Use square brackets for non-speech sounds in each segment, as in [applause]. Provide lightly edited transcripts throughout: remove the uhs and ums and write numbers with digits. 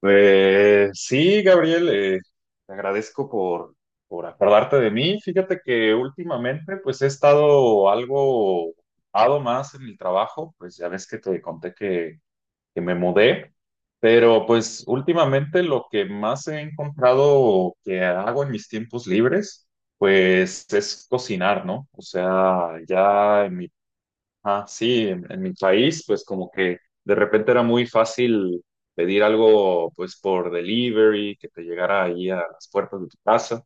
Pues sí, Gabriel, te agradezco por acordarte de mí. Fíjate que últimamente pues he estado algo ocupado más en el trabajo, pues ya ves que te conté que me mudé, pero pues últimamente lo que más he encontrado que hago en mis tiempos libres pues es cocinar, ¿no? O sea, ya en mi. Ah, sí, en mi país, pues como que de repente era muy fácil pedir algo, pues por delivery, que te llegara ahí a las puertas de tu casa,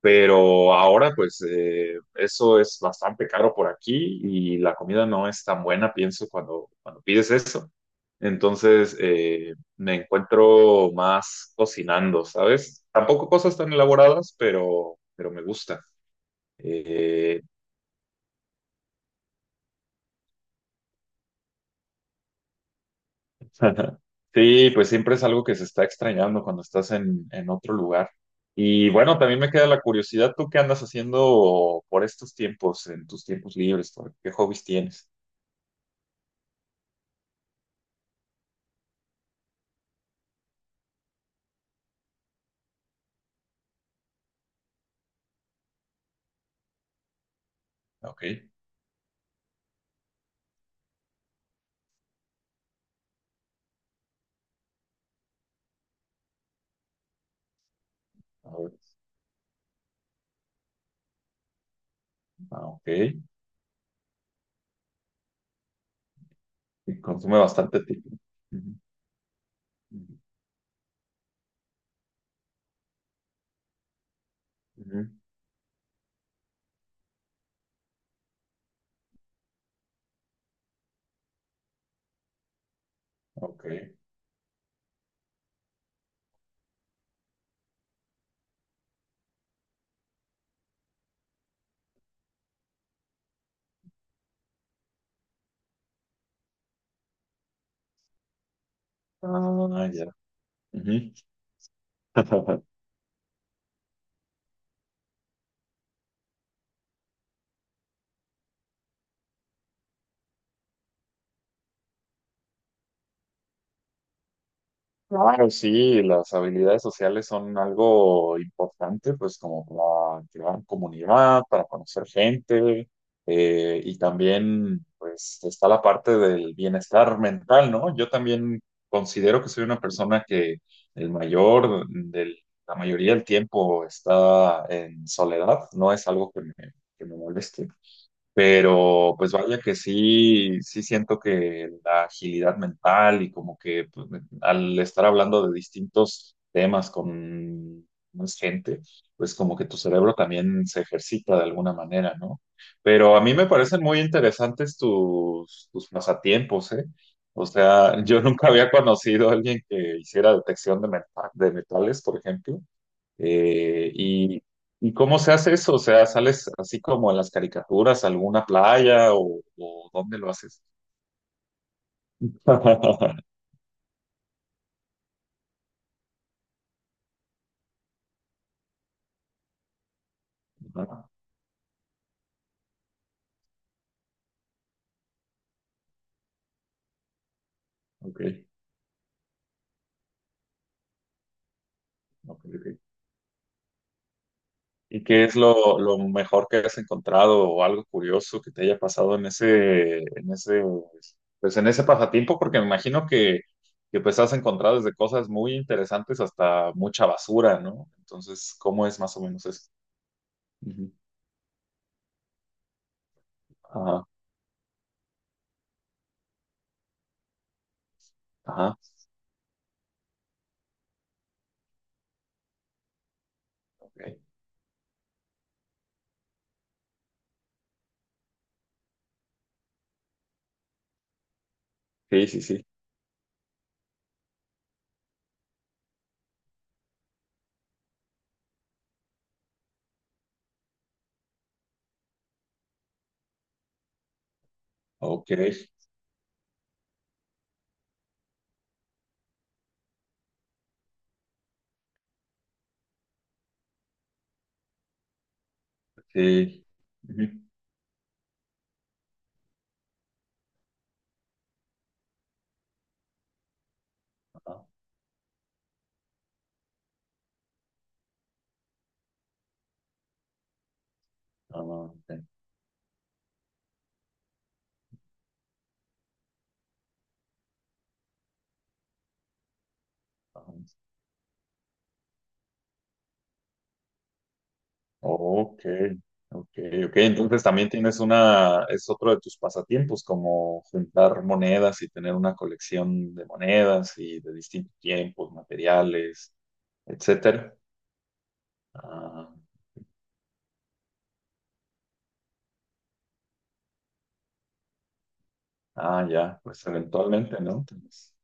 pero ahora pues eso es bastante caro por aquí y la comida no es tan buena, pienso, cuando pides eso. Entonces me encuentro más cocinando, ¿sabes? Tampoco cosas tan elaboradas, pero me gusta. Eh, [laughs] Ajá. Sí, pues siempre es algo que se está extrañando cuando estás en otro lugar. Y bueno, también me queda la curiosidad, ¿tú qué andas haciendo por estos tiempos, en tus tiempos libres? ¿Qué hobbies tienes? Ah, ok. A ver. Ah, ok. Y consume bastante tiempo. Ujú, ujú, ujú. Ok. Ah, ya. Ujú. [laughs] Claro, sí, las habilidades sociales son algo importante, pues como para crear comunidad, para conocer gente, y también pues está la parte del bienestar mental, ¿no? Yo también considero que soy una persona que el mayor del, la mayoría del tiempo está en soledad, no es algo que que me moleste. Pero pues vaya que sí, sí siento que la agilidad mental y como que pues, al estar hablando de distintos temas con más gente, pues como que tu cerebro también se ejercita de alguna manera, ¿no? Pero a mí me parecen muy interesantes tus pasatiempos, ¿eh? O sea, [laughs] yo nunca había conocido a alguien que hiciera detección de, de metales, por ejemplo. Eh, y, ¿Y cómo se hace eso? O sea, ¿sales así como en las caricaturas, a alguna playa o dónde lo haces? [laughs] Ah, ok, ok, ok. ¿Y qué es lo mejor que has encontrado o algo curioso que te haya pasado en ese, pues en ese pasatiempo? Porque me imagino que pues has encontrado desde cosas muy interesantes hasta mucha basura, ¿no? Entonces, ¿cómo es más o menos eso? Ujú. Ajá, ajá. Ok. Sí, sí, sí. Ok. Sí. Ujú. Ajá. Ah, ah, ok. Ajá. Ok, ok, ok. Entonces también tienes una, es otro de tus pasatiempos, como juntar monedas y tener una colección de monedas y de distintos tiempos, materiales, etcétera. Ah, ah, ya, pues eventualmente, ¿no? Entonces,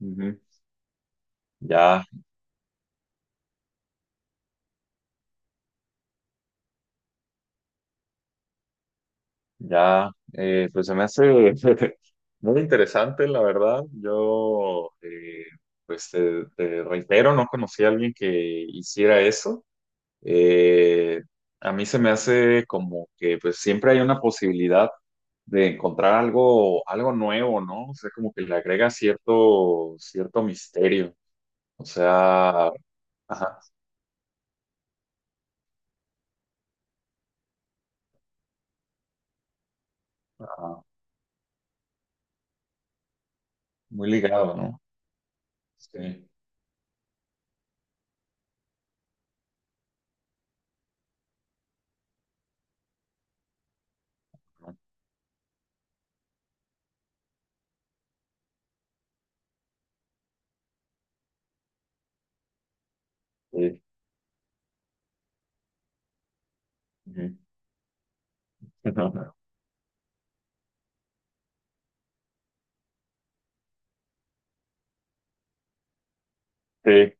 ujú. Ya. Ya, pues se me hace [laughs] muy interesante, la verdad. Pues te reitero, no conocí a alguien que hiciera eso. Eh, a mí se me hace como que pues siempre hay una posibilidad de encontrar algo, algo nuevo, ¿no? O sea, como que le agrega cierto, cierto misterio. O sea, ajá, ajá, muy ligado, ¿no? Sí. ¿No? Sí. Ujú. [laughs] Sí, [laughs]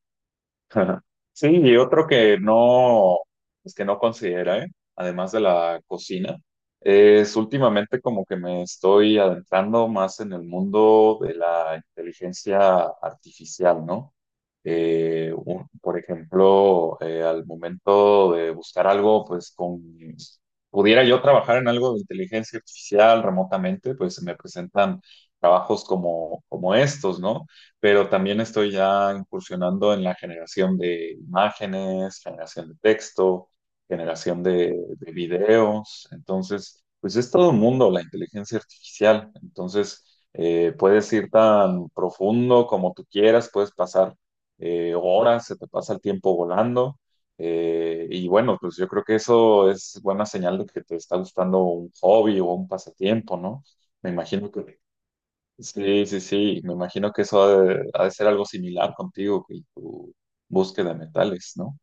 ajá. Sí, y otro que no, pues que no considera, ¿eh? Además de la cocina, es últimamente como que me estoy adentrando más en el mundo de la inteligencia artificial, ¿no? Por ejemplo, al momento de buscar algo, pues con, pudiera yo trabajar en algo de inteligencia artificial remotamente, pues se me presentan trabajos como estos, ¿no? Pero también estoy ya incursionando en la generación de imágenes, generación de texto, generación de videos. Entonces, pues es todo un mundo la inteligencia artificial. Entonces, puedes ir tan profundo como tú quieras, puedes pasar horas, se te pasa el tiempo volando. Y bueno, pues yo creo que eso es buena señal de que te está gustando un hobby o un pasatiempo, ¿no? Me imagino que sí, sí, sí. Me imagino que eso ha de ser algo similar contigo y tu búsqueda de metales, ¿no?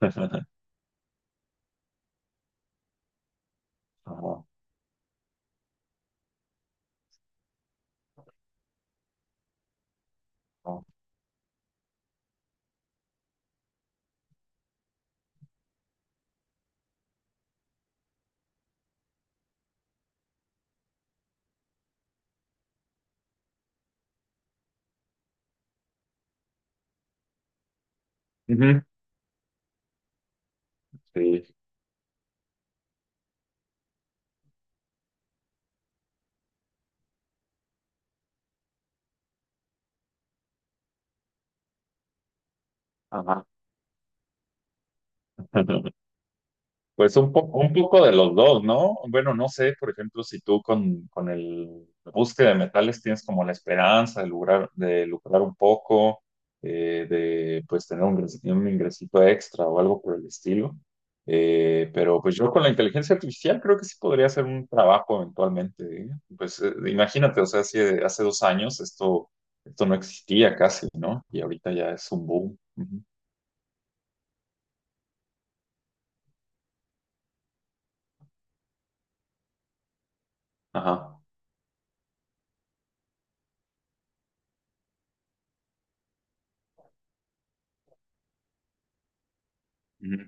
Ajá. Ajá. Ujú. Sí. Ajá. [laughs] Pues un poco de los dos, ¿no? Bueno, no sé, por ejemplo, si tú con el la búsqueda de metales tienes como la esperanza de lograr, de lucrar un poco, de pues tener un, un ingresito extra o algo por el estilo. Pero pues yo con la inteligencia artificial creo que sí podría hacer un trabajo eventualmente, ¿eh? Pues imagínate, o sea, hace 2 años esto, esto no existía casi, ¿no? Y ahorita ya es un boom. Ujú. Ajá. Ujú.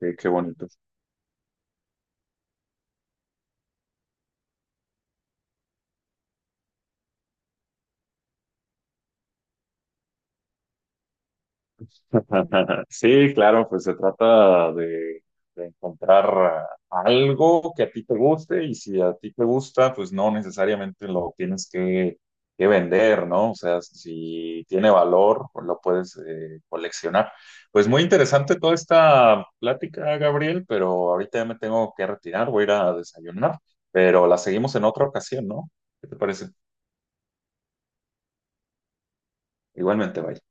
Qué, qué bonito. [laughs] Sí, claro, pues se trata de encontrar algo que a ti te guste y si a ti te gusta, pues no necesariamente lo tienes que vender, ¿no? O sea, si tiene valor, pues lo puedes coleccionar. Pues muy interesante toda esta plática, Gabriel, pero ahorita ya me tengo que retirar, voy a ir a desayunar, pero la seguimos en otra ocasión, ¿no? ¿Qué te parece? Igualmente, bye.